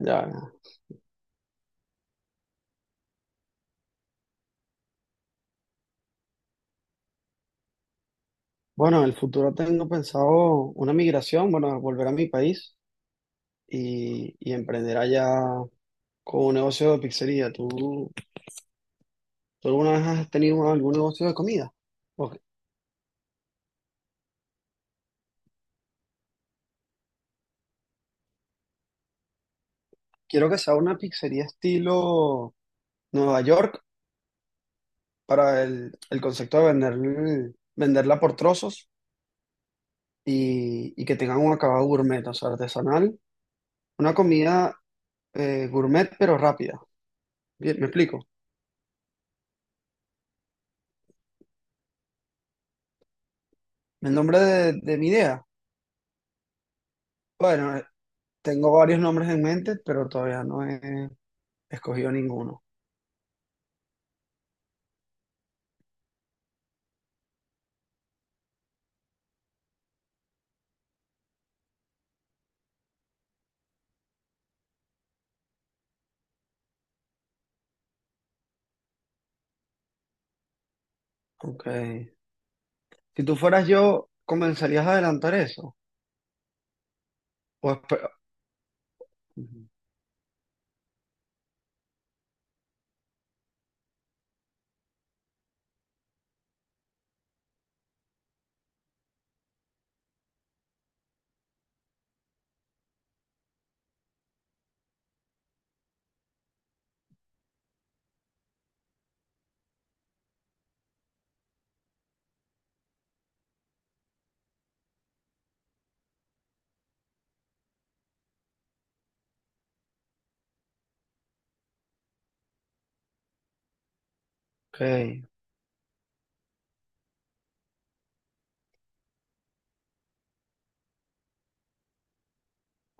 Ya. Bueno, en el futuro tengo pensado una migración, bueno, volver a mi país y emprender allá con un negocio de pizzería. ¿Tú alguna vez has tenido algún negocio de comida? O- Quiero que sea una pizzería estilo Nueva York para el concepto de venderla por trozos y que tengan un acabado gourmet, o sea, artesanal. Una comida gourmet pero rápida. Bien, ¿me explico? El nombre de mi idea. Bueno, tengo varios nombres en mente, pero todavía no he escogido ninguno. Ok. Si tú fueras yo, ¿comenzarías a adelantar eso? O espe- Ok,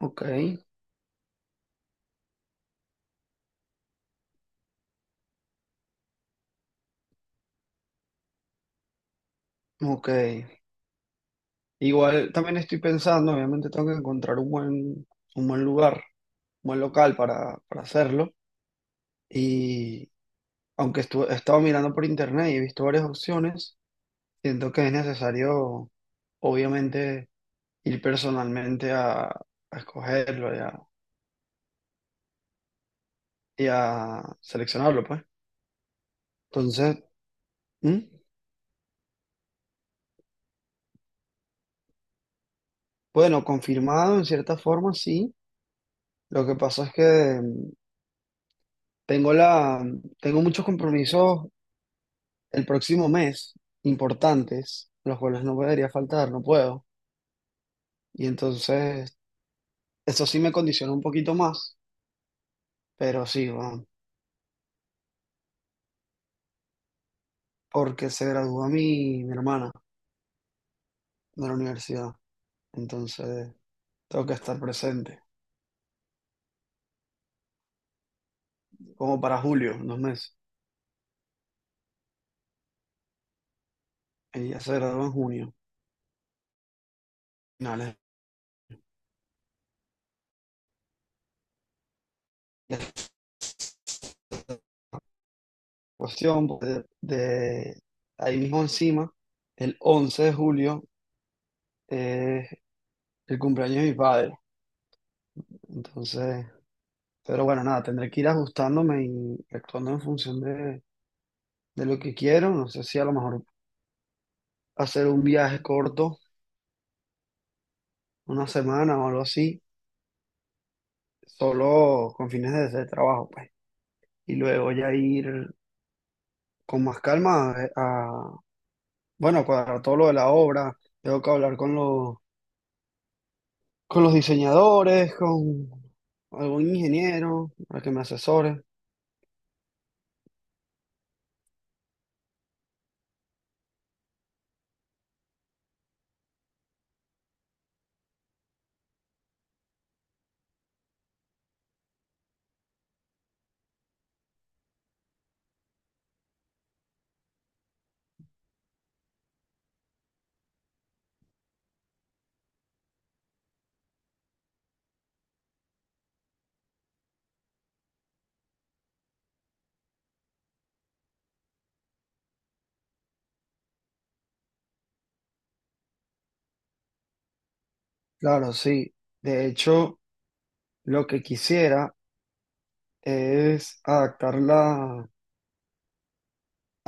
ok, ok. Igual también estoy pensando, obviamente tengo que encontrar un buen lugar, un buen local para hacerlo. Y he estado mirando por internet y he visto varias opciones, siento que es necesario, obviamente, ir personalmente a escogerlo. Ya y a seleccionarlo, pues. Entonces, ¿mm? Bueno, confirmado en cierta forma, sí. Lo que pasa es que tengo tengo muchos compromisos el próximo mes importantes, los cuales no debería faltar, no puedo. Y entonces, eso sí me condiciona un poquito más, pero sí, bueno, porque se gradúa mi hermana de la universidad. Entonces, tengo que estar presente, como para julio, en dos meses. Ella se gradúa en junio, finales, cuestión pues, de ahí mismo encima, el 11 de julio es el cumpleaños de mi padre. Entonces, pero bueno, nada, tendré que ir ajustándome y actuando en función de lo que quiero. No sé si a lo mejor hacer un viaje corto, una semana o algo así, solo con fines de trabajo, pues. Y luego ya ir con más calma a- bueno, cuadrar todo lo de la obra. Tengo que hablar con los diseñadores, con algún ingeniero para que me asesore. Claro, sí. De hecho, lo que quisiera es adaptarla,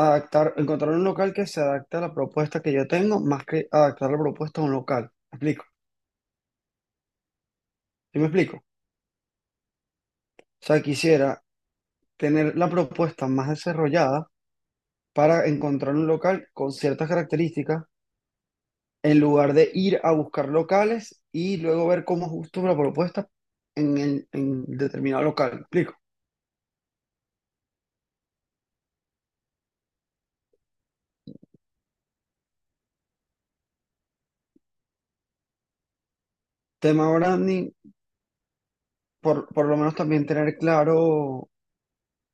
adaptar, encontrar un local que se adapte a la propuesta que yo tengo, más que adaptar la propuesta a un local. ¿Me explico? ¿Sí me explico? O sea, quisiera tener la propuesta más desarrollada para encontrar un local con ciertas características en lugar de ir a buscar locales y luego ver cómo ajusto la propuesta en, el- en determinado local. ¿Me explico? Tema branding, por lo menos también tener claro,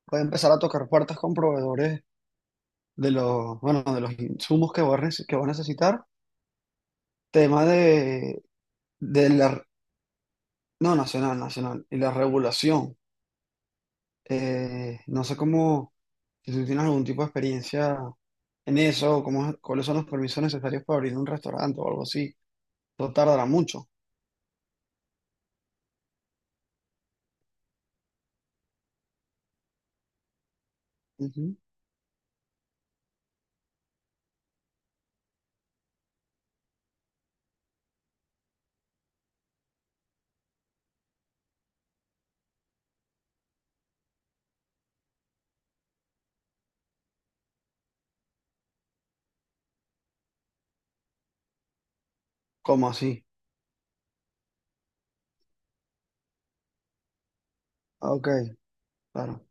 voy a empezar a tocar puertas con proveedores de los, bueno, de los insumos que voy que voy a necesitar. Tema de la, no, nacional, nacional, y la regulación. No sé cómo, si tú tienes algún tipo de experiencia en eso, cómo, cuáles son los permisos necesarios para abrir un restaurante o algo así. No tardará mucho. Ujú. ¿Cómo así? Ah, ok, claro,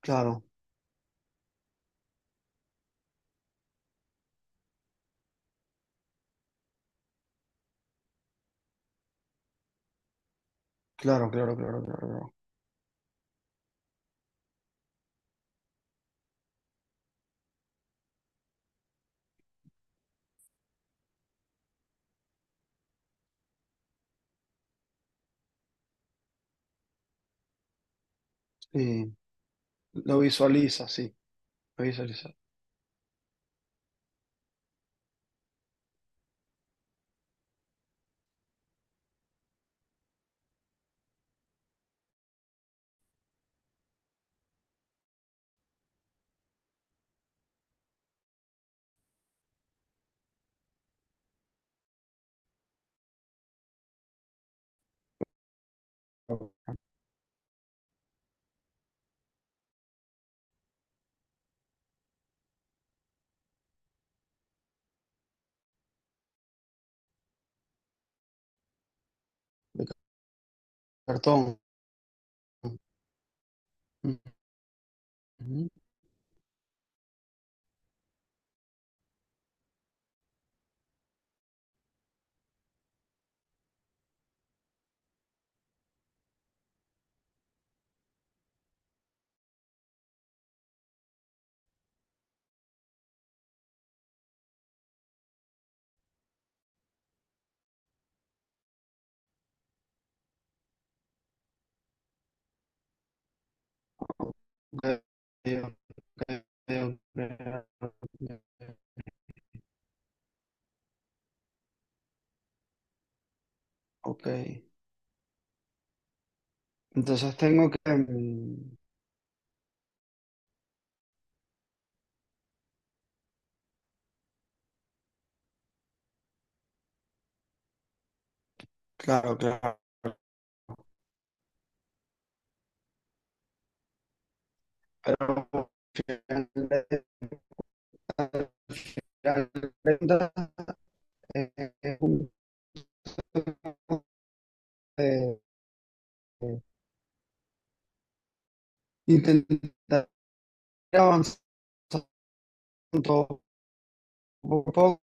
claro, claro, claro, claro, claro, claro. Sí, lo visualiza, sí, lo visualiza. De cartón. Ujú. Ok, ok, ok, ok. Ok. Entonces tengo que... claro, claro. Pero al final de eh, eh, eh, eh, intentar avanzando poco a poco